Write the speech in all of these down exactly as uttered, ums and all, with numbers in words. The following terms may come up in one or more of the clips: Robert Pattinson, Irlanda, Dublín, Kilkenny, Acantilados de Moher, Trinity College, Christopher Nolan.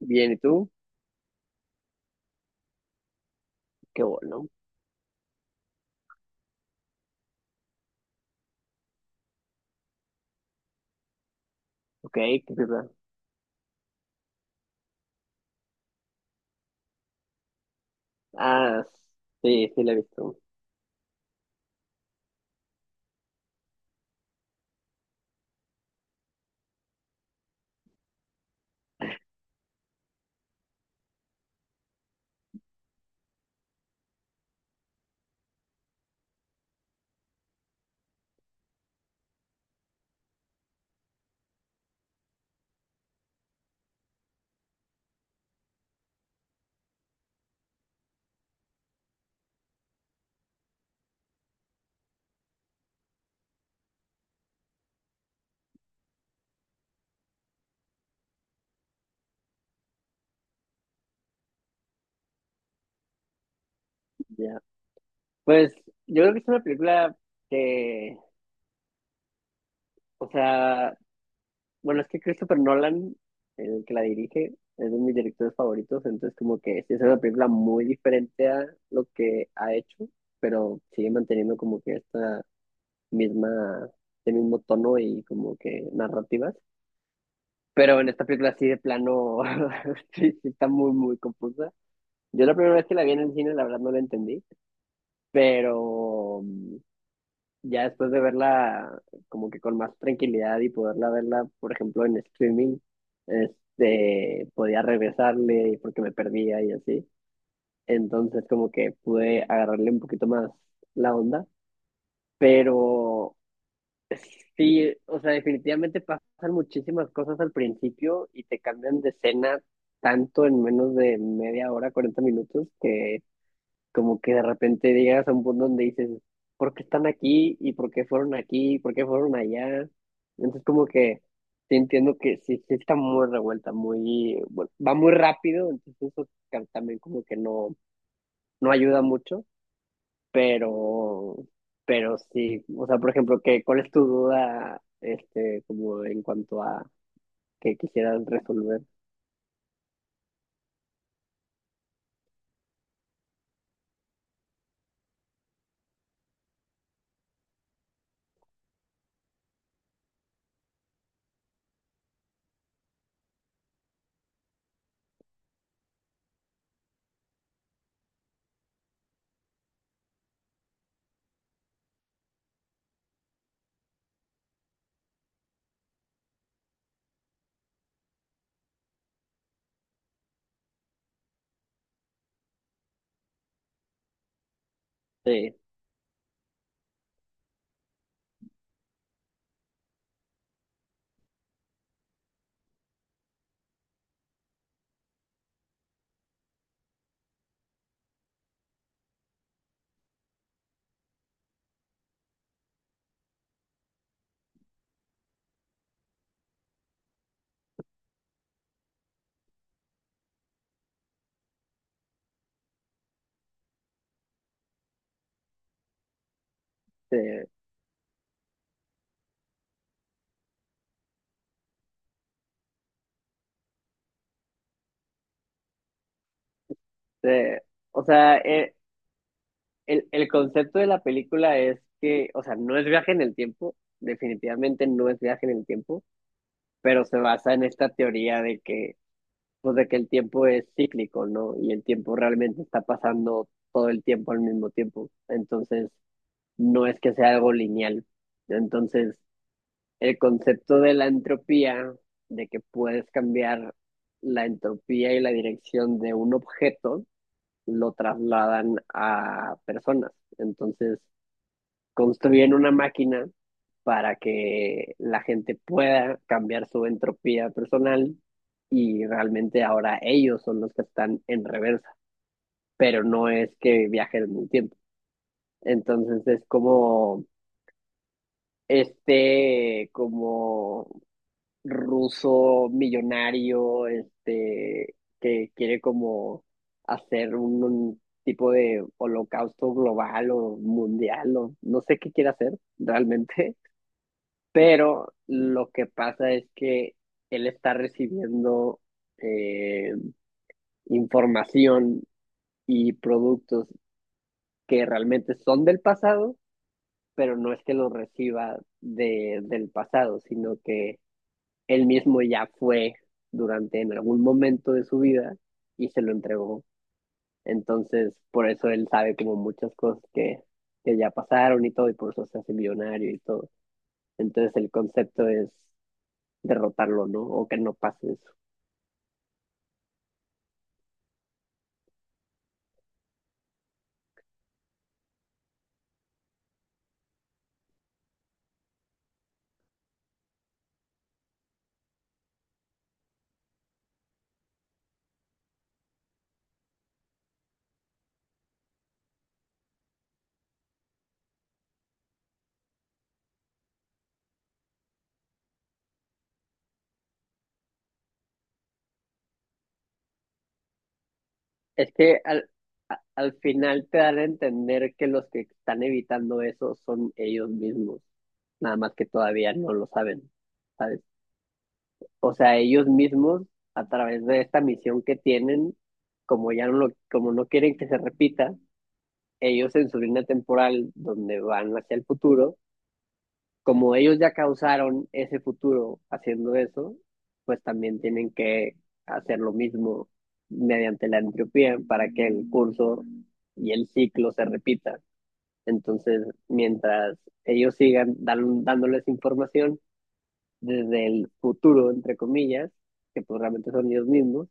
Bien, ¿y tú? Qué bueno. Ok, qué película. Ah, sí, sí la he visto. Ya. Pues yo creo que es una película que, o sea, bueno, es que Christopher Nolan, el que la dirige, es de mis directores favoritos, entonces como que sí es una película muy diferente a lo que ha hecho, pero sigue manteniendo como que esta misma, este mismo tono y como que narrativas. Pero en esta película sí de plano, sí, sí está muy, muy confusa. Yo la primera vez que la vi en el cine, la verdad no la entendí, pero mm, ya después de verla como que con más tranquilidad y poderla verla, por ejemplo, en streaming, este, podía regresarle y porque me perdía y así. Entonces como que pude agarrarle un poquito más la onda, pero sí, o sea, definitivamente pasan muchísimas cosas al principio y te cambian de escena tanto en menos de media hora, cuarenta minutos, que como que de repente llegas a un punto donde dices, ¿por qué están aquí? ¿Y por qué fueron aquí? ¿Por qué fueron allá? Entonces como que sí entiendo que sí, sí está muy revuelta, muy, bueno, va muy rápido, entonces eso ca- también como que no, no ayuda mucho, pero, pero sí, o sea, por ejemplo, ¿qué, cuál es tu duda, este, como en cuanto a que quisieras resolver? Sí, sí, sí. O sea, e- El, el concepto de la película es que, o sea, no es viaje en el tiempo, definitivamente no es viaje en el tiempo, pero se basa en esta teoría de que, pues de que el tiempo es cíclico, ¿no? Y el tiempo realmente está pasando todo el tiempo al mismo tiempo. Entonces, no es que sea algo lineal. Entonces, el concepto de la entropía, de que puedes cambiar la entropía y la dirección de un objeto, lo trasladan a personas. Entonces, construyen una máquina para que la gente pueda cambiar su entropía personal y realmente ahora ellos son los que están en reversa, pero no es que viajen en el tiempo. Entonces es como este, como ruso millonario, este, que quiere como hacer un, un tipo de holocausto global o mundial o no sé qué quiere hacer realmente. Pero lo que pasa es que él está recibiendo eh, información y productos que realmente son del pasado, pero no es que los reciba de, del pasado, sino que él mismo ya fue durante en algún momento de su vida y se lo entregó. Entonces, por eso él sabe como muchas cosas que, que ya pasaron y todo, y por eso se hace millonario y todo. Entonces, el concepto es derrotarlo, ¿no? O que no pase eso. Es que al, a- al final te dan a entender que los que están evitando eso son ellos mismos, nada más que todavía no lo saben, ¿sabes? O sea, ellos mismos, a través de esta misión que tienen, como ya no lo, como no quieren que se repita, ellos en su línea temporal, donde van hacia el futuro, como ellos ya causaron ese futuro haciendo eso, pues también tienen que hacer lo mismo mediante la entropía para que el curso y el ciclo se repita. Entonces, mientras ellos sigan dan- dándoles información desde el futuro, entre comillas, que pues realmente son ellos mismos,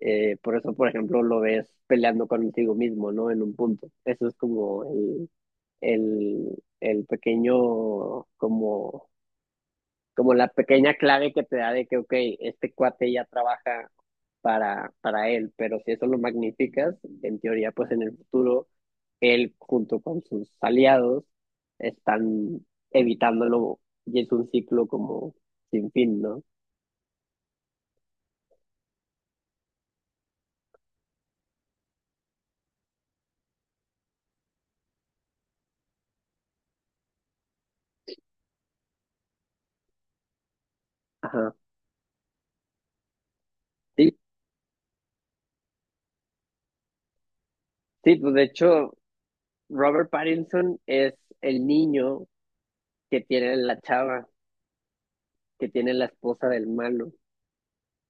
eh, por eso, por ejemplo, lo ves peleando contigo mismo, ¿no? En un punto. Eso es como el, el, el pequeño, como como la pequeña clave que te da de que, ok, este cuate ya trabaja para, para él, pero si eso lo magnificas, en teoría, pues en el futuro, él junto con sus aliados están evitándolo y es un ciclo como sin fin, ¿no? Ajá. Sí, sí, pues de hecho, Robert Pattinson es el niño que tiene la chava, que tiene la esposa del malo.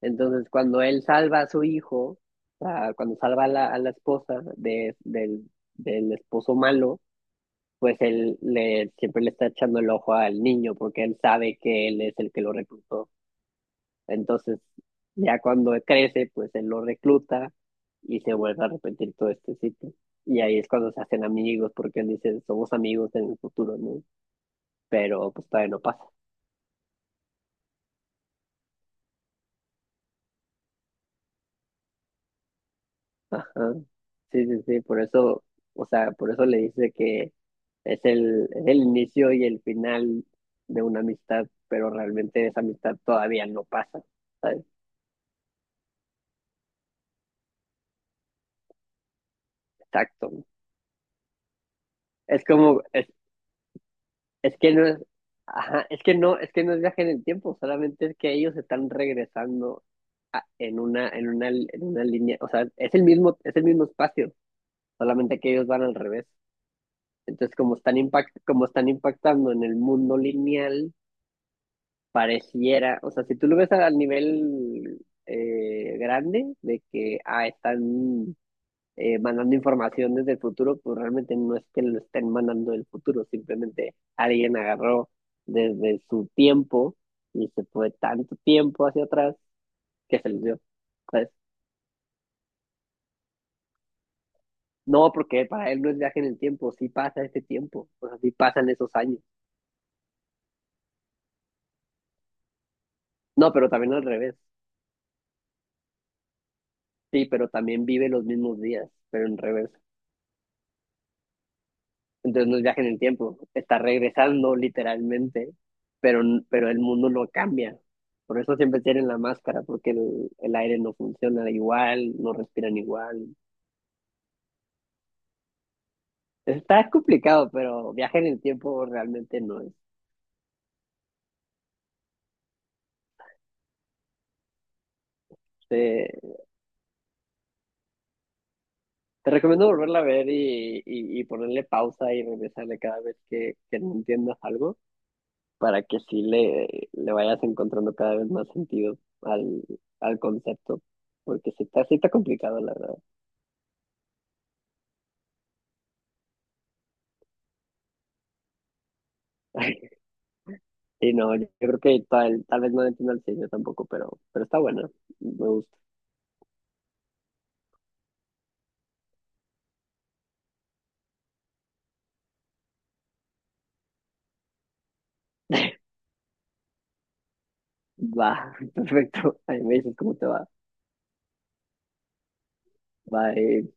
Entonces, cuando él salva a su hijo, ah, cuando salva a la, a la esposa de, del, del esposo malo, pues él le, siempre le está echando el ojo al niño porque él sabe que él es el que lo reclutó. Entonces, ya cuando crece, pues él lo recluta y se vuelve a repetir todo este ciclo. Y ahí es cuando se hacen amigos porque él dice, somos amigos en el futuro, ¿no? Pero pues todavía no pasa. Ajá. Sí, sí, sí, por eso, o sea, por eso le dice que es el, es el inicio y el final de una amistad, pero realmente esa amistad todavía no pasa, ¿sabes? Exacto. Es como, es, es que no es, ajá, es que no, es que no es viaje en el tiempo, solamente es que ellos están regresando a- en una, en una, en una línea, o sea, es el mismo, es el mismo espacio, solamente que ellos van al revés. Entonces, como están impact, como están impactando en el mundo lineal, pareciera, o sea, si tú lo ves al nivel eh, grande de que ah, están eh, mandando información desde el futuro, pues realmente no es que lo estén mandando del futuro, simplemente alguien agarró desde su tiempo y se fue tanto tiempo hacia atrás que se los dio. Pues, no, porque para él no es viaje en el tiempo, sí pasa este tiempo, o sea, sí pasan esos años. No, pero también al revés. Sí, pero también vive los mismos días, pero en revés. Entonces no es viaje en el tiempo, está regresando literalmente, pero, pero el mundo no cambia. Por eso siempre tienen la máscara, porque el, el aire no funciona igual, no respiran igual. Está complicado, pero viaje en el tiempo realmente no es. Te, te recomiendo volverla a ver y, y, y ponerle pausa y regresarle cada vez que, que no entiendas algo para que sí le, le vayas encontrando cada vez más sentido al, al concepto, porque sí está, sí está complicado, la verdad. Y no, yo creo que tal, tal vez no le entiendo el sello tampoco, pero, pero está bueno. Me gusta. Va, perfecto. Ahí me dices cómo te va. Bye.